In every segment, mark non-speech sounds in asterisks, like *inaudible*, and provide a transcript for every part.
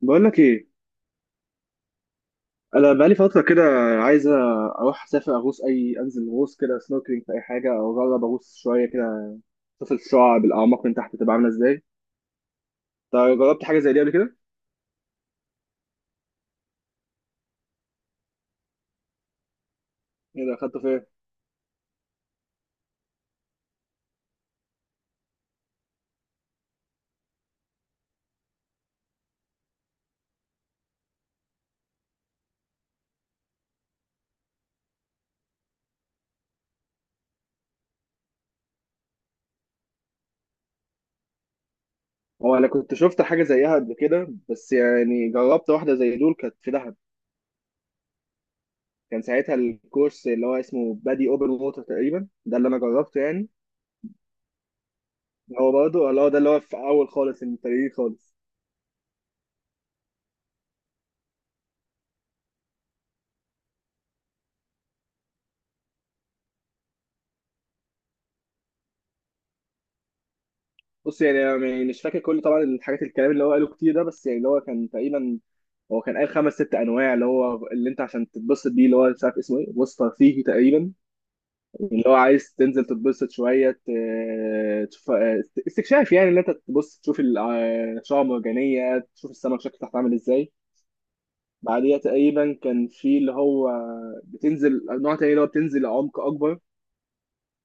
بقول لك ايه؟ انا بقالي فتره كده عايز اروح اسافر اغوص، اي انزل غوص كده، سنوركلينج في اي حاجه، او اجرب اغوص شويه كده، اشوف الشعاب الاعماق من تحت تبقى عامله ازاي. طيب جربت حاجه زي دي قبل كده؟ ايه ده؟ اخدته فين؟ هو انا كنت شفت حاجه زيها قبل كده، بس يعني جربت واحده زي دول كانت في دهب. كان ساعتها الكورس اللي هو اسمه بادي اوبن ووتر تقريبا ده اللي انا جربته يعني. هو برضه اللي هو ده اللي هو في اول خالص، المبتدئين خالص. بص يعني أنا يعني مش فاكر كل طبعا الحاجات، الكلام اللي هو قاله كتير ده، بس يعني اللي هو كان تقريبا، هو كان قال خمس ست انواع. اللي هو اللي انت عشان تتبسط بيه، اللي هو مش عارف اسمه ايه، وسط ترفيهي تقريبا، اللي هو عايز تنزل تتبسط شويه تشوف. استكشاف، يعني اللي انت تبص تشوف شعاب مرجانيه، تشوف السمك شكله تحت عامل ازاي. بعديها تقريبا كان في اللي هو بتنزل نوع تاني، اللي هو بتنزل لعمق اكبر.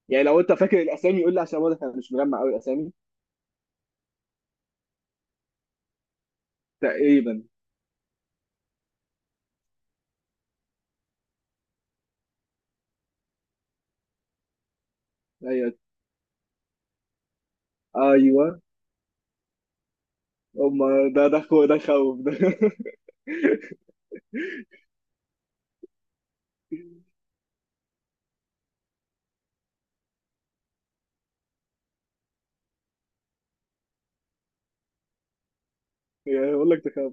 يعني لو انت فاكر الاسامي قول لي، عشان واضح انا مش مجمع قوي الاسامي. تقريبا، ايوه ايوه. هم، ده خوف ده. *laughs* يعني بقول لك تخاف؟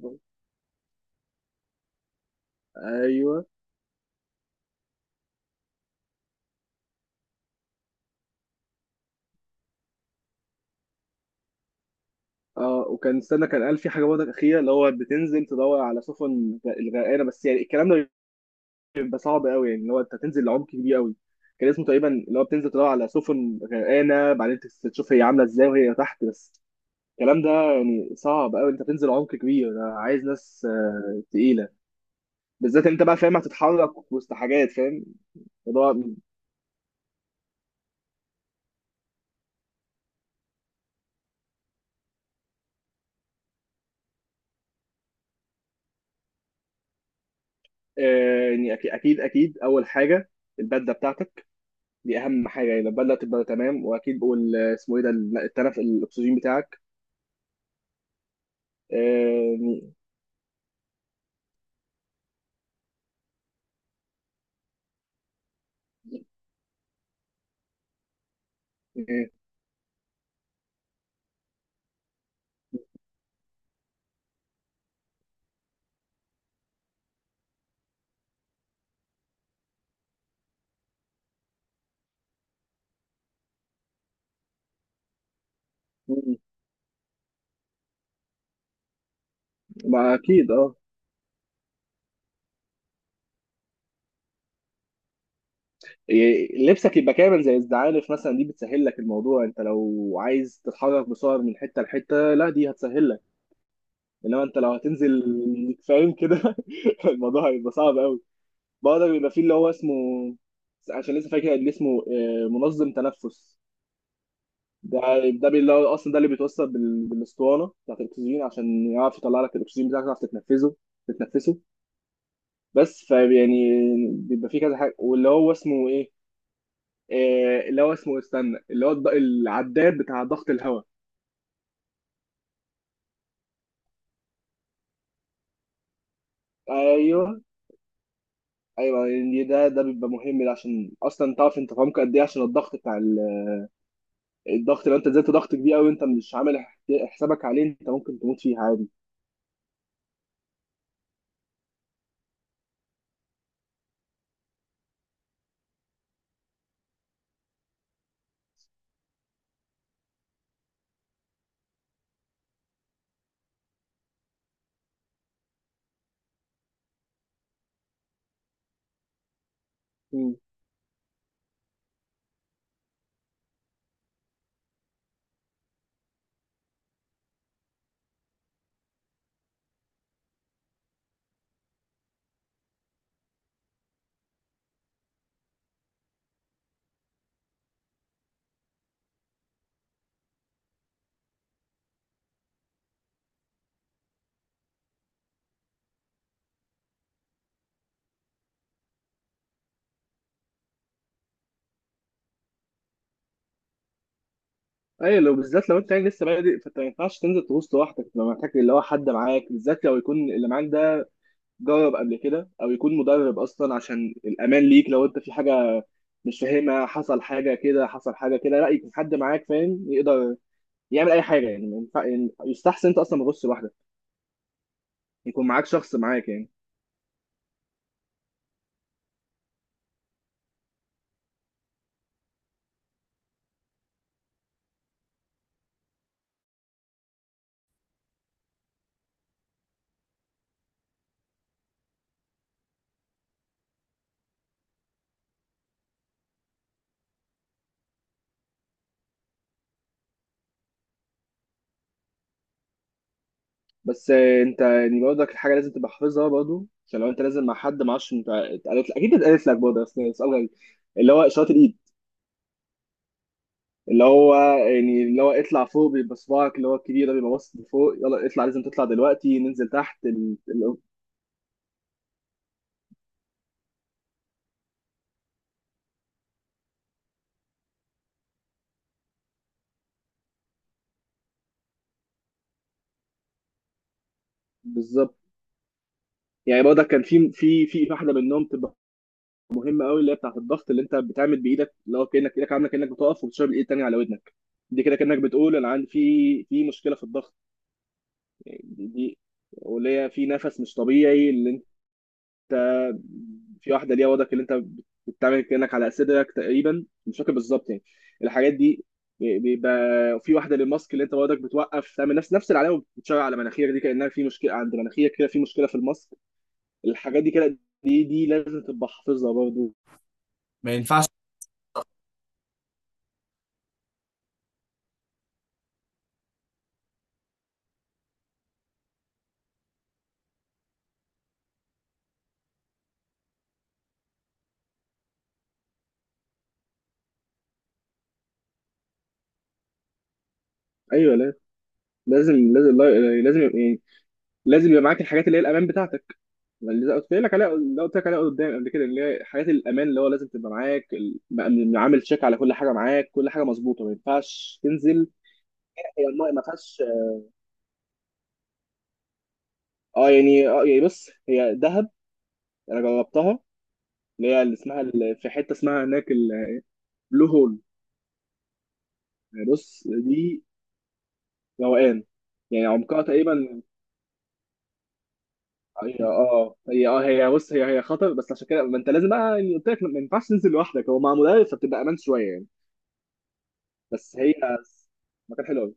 ايوه. اه، وكان، استنى، كان قال في حاجه برضه اخيره، اللي هو بتنزل تدور على الغرقانه، بس يعني الكلام ده بيبقى صعب قوي، يعني اللي هو انت تنزل لعمق كبير قوي. كان اسمه تقريبا اللي هو بتنزل تدور على سفن غرقانه، بعدين تشوف هي عامله ازاي وهي تحت بس. الكلام ده يعني صعب قوي، انت بتنزل عمق كبير، ده عايز ناس تقيله. بالذات انت بقى فاهم هتتحرك وسط حاجات، فاهم الموضوع. يعني اكيد اول حاجه البدله بتاعتك، دي اهم حاجه، يعني البدله تبقى تمام، واكيد اسمه ايه ده، التنف الاكسجين بتاعك. يعني. إيه. مم. ما اكيد اه. إيه، لبسك يبقى كامل، زي الزعانف مثلا، دي بتسهل لك الموضوع، انت لو عايز تتحرك بسعر من حته لحته، لا دي هتسهل لك. انما انت لو هتنزل فاهم كده *laughs* الموضوع هيبقى صعب قوي. برضه بيبقى فيه اللي هو اسمه، عشان لسه فاكر اللي اسمه منظم تنفس ده. اللي هو اصلا ده اللي بيتوصل بالاسطوانه بتاعت الاكسجين، عشان يعرف يطلع لك الاكسجين بتاعك تعرف تتنفسه. بس فيعني بيبقى فيه كذا حاجه، واللي هو اسمه ايه، آه اللي هو اسمه، استنى، اللي هو العداد بتاع ضغط الهواء. ايوه ايوه يعني ده ده بيبقى مهم، عشان اصلا تعرف انت فاهمك قد ايه، عشان الضغط بتاع الضغط، لو انت نزلت ضغط كبير قوي انت مش عامل حسابك عليه، انت ممكن تموت فيه عادي. ايوه. لو بالذات لو انت يعني لسه بادئ، فانت ما ينفعش تنزل تغوص لوحدك، لو محتاج اللي هو حد معاك، بالذات لو يكون اللي معاك ده جرب قبل كده، او يكون مدرب اصلا، عشان الامان ليك لو انت في حاجه مش فاهمها، حصل حاجه كده، لا يكون حد معاك فاهم يقدر يعمل اي حاجه، يعني ما ينفع- يعني يستحسن انت اصلا ما تغوصش لوحدك، يكون معاك شخص معاك يعني. بس انت يعني برضك الحاجه لازم تبقى حافظها برضه، عشان لو انت نازل مع حد، ما اعرفش انت اتقالت، اكيد اتقالت لك برضه، بس سؤال غريب. اللي هو اشاره الايد، اللي هو يعني اللي هو اطلع فوق، بيبقى صباعك اللي هو الكبير ده بيبقى باصص لفوق، يلا اطلع لازم تطلع دلوقتي، ننزل تحت بالظبط. يعني برضه كان في واحده منهم تبقى مهمه قوي، اللي هي بتاعت الضغط، اللي انت بتعمل بايدك، اللي هو كانك ايدك عامله، كانك بتقف وبتشرب، الايد التانيه على ودنك دي كده، كانك بتقول انا عندي في مشكله في الضغط. يعني دي واللي هي في نفس مش طبيعي، اللي انت، في واحده ليها وضعك اللي انت بتعمل كانك على صدرك تقريبا، مش فاكر بالظبط يعني الحاجات دي. بيبقى في واحده للماسك، اللي انت وضعك بتوقف تعمل نفس، العلامه بتشاور على مناخيرك دي، كانها في مشكله عند مناخيرك كده، في مشكله في الماسك. الحاجات دي كده، دي لازم تبقى حافظها برضه، ما ينفعش. ايوه لا، لازم لازم يعني، لازم يبقى معاك الحاجات اللي هي الامان بتاعتك. ما اللي قلت لك عليها، قدام قبل كده، اللي هي حاجات الامان، اللي هو لازم تبقى معاك عامل تشيك على كل حاجه معاك، كل حاجه مظبوطه، ما ينفعش تنزل. هي الماء ما فيهاش، اه يعني، اه يعني بص، هي دهب، انا جربتها، اللي هي اللي اسمها في حته اسمها هناك، البلو هول. يعني بص دي روقان. يعني عمقها تقريبا، هي بص هي خطر، بس عشان كده ما انت لازم بقى، يعني قلت لك ما ينفعش تنزل لوحدك، هو مع مدرب فبتبقى امان شويه يعني. بس هي مكان حلو قوي.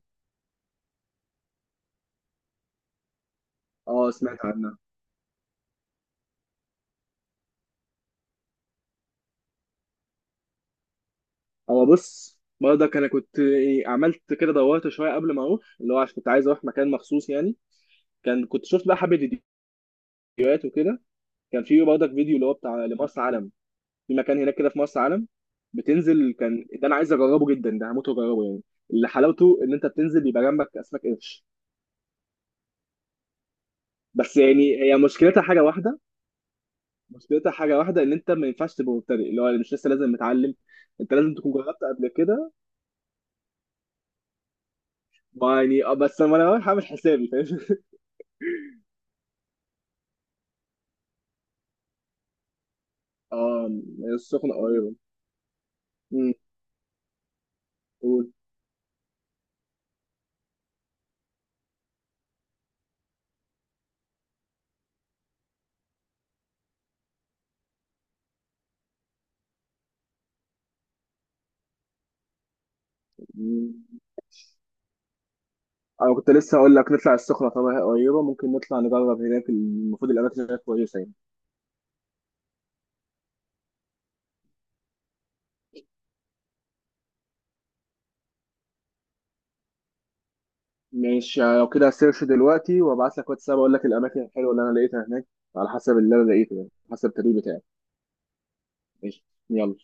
اه سمعت عنها. هو بص برضك انا كنت عملت كده، دورت شويه قبل ما اروح، اللي هو عشان كنت عايز اروح مكان مخصوص يعني، كان كنت شفت بقى حبه فيديوهات وكده. كان في برضك فيديو اللي هو بتاع لمرسى علم، في مكان هناك كده في مرسى علم، بتنزل، كان ده انا عايز اجربه جدا، ده هموت واجربه يعني، اللي حلاوته ان انت بتنزل بيبقى جنبك اسماك قرش. بس يعني هي مشكلتها حاجه واحده، ان انت ما ينفعش تبقى مبتدئ، اللي هو مش لسه، لازم متعلم، انت لازم تكون جربت قبل كده. ما يعني بس انا رايح هعمل حسابي فاهم. *laughs* اه السخنه قريبه. مم. قول. مم. انا كنت لسه هقول لك نطلع السخنه، طبعا هي قريبه، ممكن نطلع نجرب هناك، المفروض الاماكن هناك كويسه يعني. ماشي لو كده هسيرش دلوقتي وابعت لك واتساب، اقول لك الاماكن الحلوه اللي انا لقيتها هناك، على حسب اللي انا لقيته، يعني على حسب التدريب بتاعي. ماشي يلا.